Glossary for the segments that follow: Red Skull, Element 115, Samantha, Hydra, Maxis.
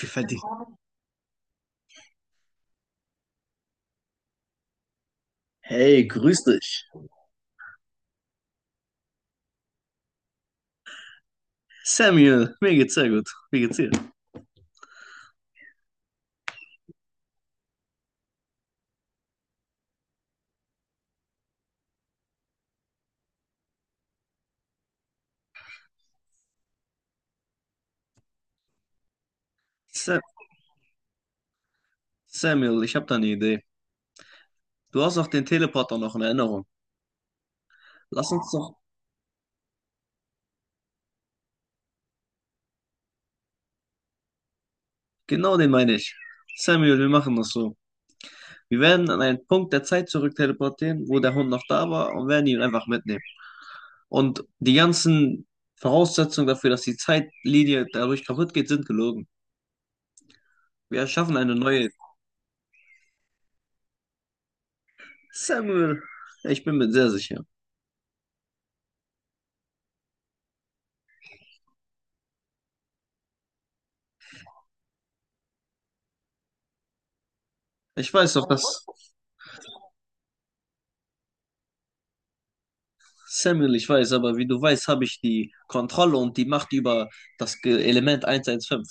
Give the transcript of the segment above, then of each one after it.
Wie verdient. Hey, grüß dich. Samuel, mir geht's sehr gut. Wie geht's dir? Sa Samuel, ich habe da eine Idee. Du hast doch den Teleporter noch in Erinnerung. Lass uns doch. Genau den meine ich. Samuel, wir machen das so. Wir werden an einen Punkt der Zeit zurückteleportieren, wo der Hund noch da war, und werden ihn einfach mitnehmen. Und die ganzen Voraussetzungen dafür, dass die Zeitlinie dadurch kaputt geht, sind gelogen. Wir erschaffen eine neue. Samuel, ich bin mir sehr sicher. Ich weiß doch, dass. Samuel, ich weiß, aber wie du weißt, habe ich die Kontrolle und die Macht über das Element 115.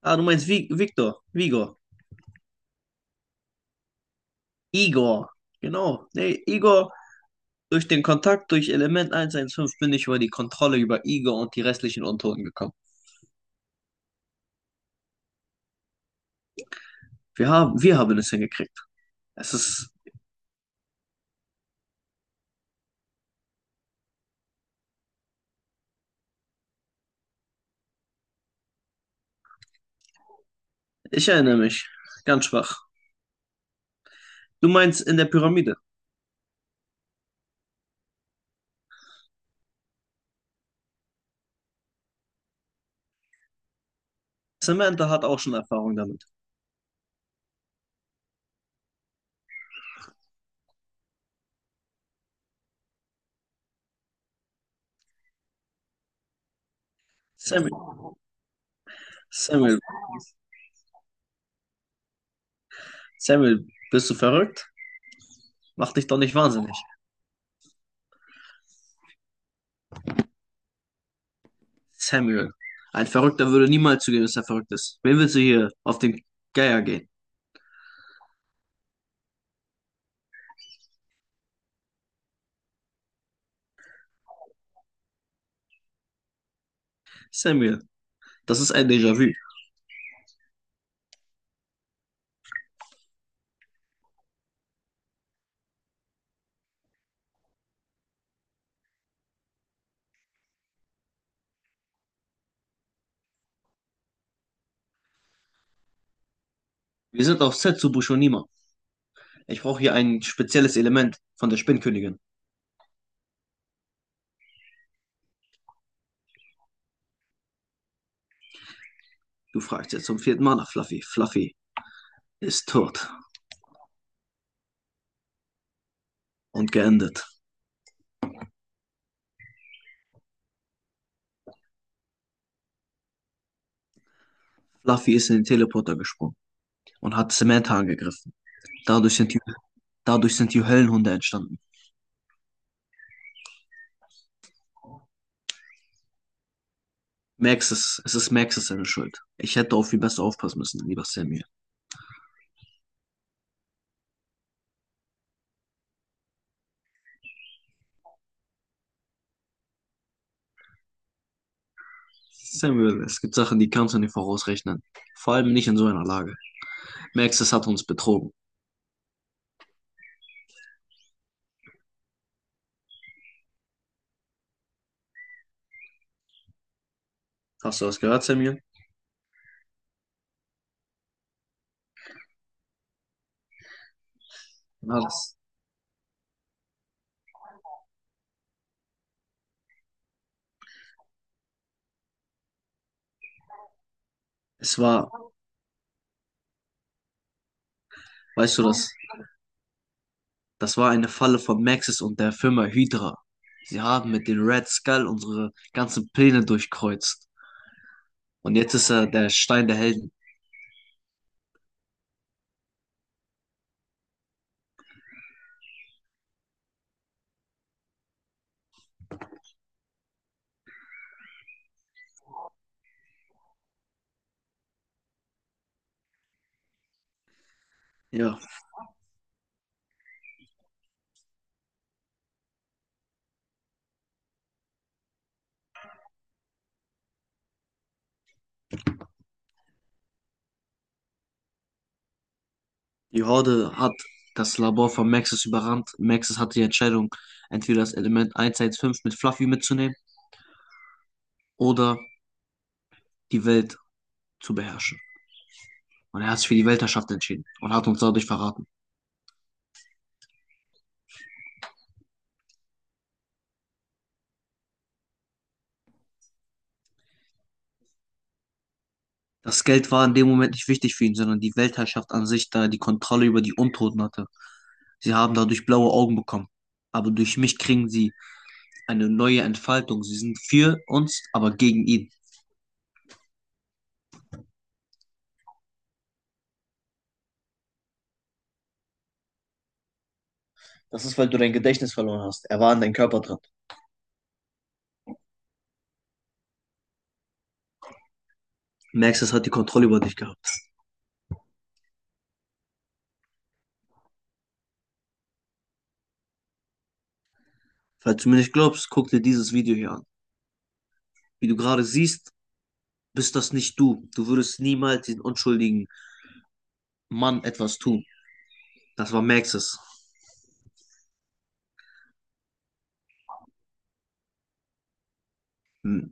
Ah, du meinst Vi Victor, Vigor, Igor. Genau. Nee, Igor, durch den Kontakt durch Element 115 bin ich über die Kontrolle über Igor und die restlichen Untoten gekommen. Wir haben es hingekriegt. Es ist, ich erinnere mich, ganz schwach. Du meinst in der Pyramide. Samantha hat auch schon Erfahrung damit. Samuel, Samuel, Samuel, bist du verrückt? Mach dich doch nicht wahnsinnig. Samuel. Ein Verrückter würde niemals zugeben, dass er verrückt ist. Wen willst du hier auf den Geier gehen? Samuel. Das ist ein Déjà-vu. Wir sind auf Set zu Bushonima. Ich brauche hier ein spezielles Element von der Spinnkönigin. Du fragst jetzt zum vierten Mal nach Fluffy. Fluffy ist tot und geendet. Fluffy ist in den Teleporter gesprungen und hat Samantha angegriffen. Dadurch sind die, dadurch sind die Höllenhunde entstanden. Max ist, es ist Maxes seine Schuld. Ich hätte auf ihn besser aufpassen müssen, lieber Samuel. Samuel, es gibt Sachen, die kannst du nicht vorausrechnen. Vor allem nicht in so einer Lage. Maxis hat uns betrogen. Hast du das gehört, Samuel? Ja, das, es war, weißt du das, das war eine Falle von Maxis und der Firma Hydra. Sie haben mit den Red Skull unsere ganzen Pläne durchkreuzt. Und jetzt ist er der Stein der Helden. Ja, die Horde hat das Labor von Maxis überrannt. Maxis hatte die Entscheidung, entweder das Element 115 mit Fluffy mitzunehmen oder die Welt zu beherrschen. Und er hat sich für die Weltherrschaft entschieden und hat uns dadurch verraten. Das Geld war in dem Moment nicht wichtig für ihn, sondern die Weltherrschaft an sich, da er die Kontrolle über die Untoten hatte. Sie haben dadurch blaue Augen bekommen. Aber durch mich kriegen sie eine neue Entfaltung. Sie sind für uns, aber gegen ihn. Das ist, weil du dein Gedächtnis verloren hast. Er war in deinem Körper dran. Max, das hat die Kontrolle über dich gehabt. Falls du mir nicht glaubst, guck dir dieses Video hier an. Wie du gerade siehst, bist das nicht du. Du würdest niemals den unschuldigen Mann etwas tun. Das war Maxes. Hm,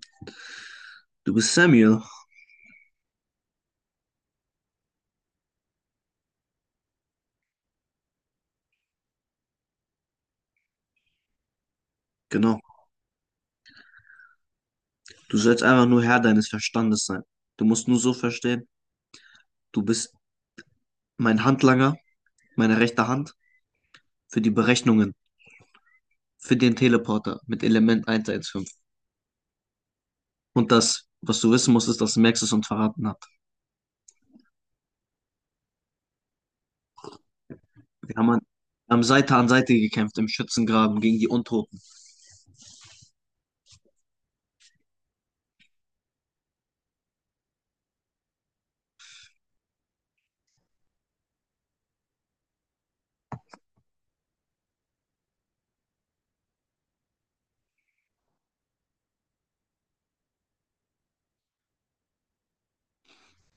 Du bist Samuel. Genau. Du sollst einfach nur Herr deines Verstandes sein. Du musst nur so verstehen, du bist mein Handlanger, meine rechte Hand für die Berechnungen, für den Teleporter mit Element 115. Und das, was du wissen musst, ist, dass Max es uns verraten hat. Wir haben, an, haben Seite an Seite gekämpft im Schützengraben gegen die Untoten.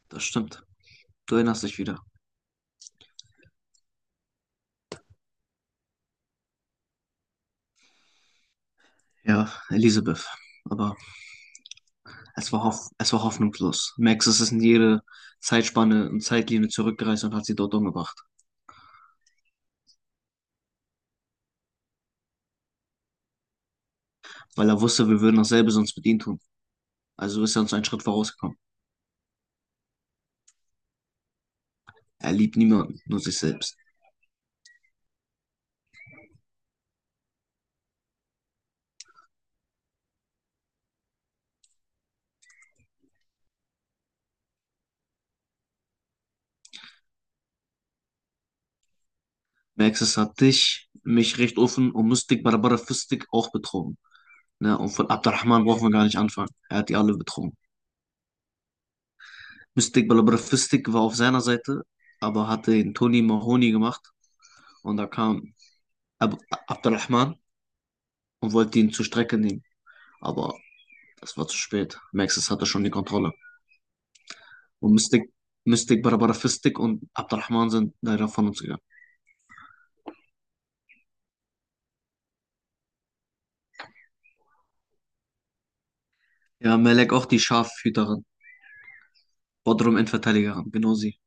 Das stimmt. Du erinnerst dich wieder. Ja, Elisabeth. Aber es war, hoff es war hoffnungslos. Max ist in jede Zeitspanne und Zeitlinie zurückgereist und hat sie dort umgebracht. Weil er wusste, wir würden dasselbe sonst mit ihm tun. Also ist er uns einen Schritt vorausgekommen. Er liebt niemanden, nur sich selbst. Maxis hat dich, mich recht offen und Mystik Barabara Fistik auch betrogen. Ne? Und von Abdurrahman brauchen wir gar nicht anfangen. Er hat die alle betrogen. Mystik Barabara Fistik war auf seiner Seite, aber hatte den Tony Mahoney gemacht. Und da kam Ab Abdurrahman und wollte ihn zur Strecke nehmen. Aber das war zu spät. Maxis hatte schon die Kontrolle. Und Mystik Barabara Fistik und Abdurrahman sind leider von uns gegangen. Ja, Melek auch die Schafhüterin. Bodrum Endverteidiger haben, genau sie.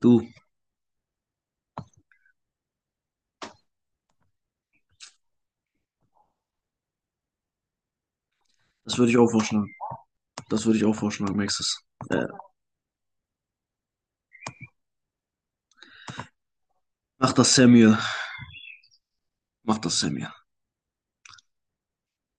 Du, das würde ich auch vorschlagen. Das würde ich auch vorschlagen, Maxis. Äh, mach das, Samuel. Mach das, Samuel.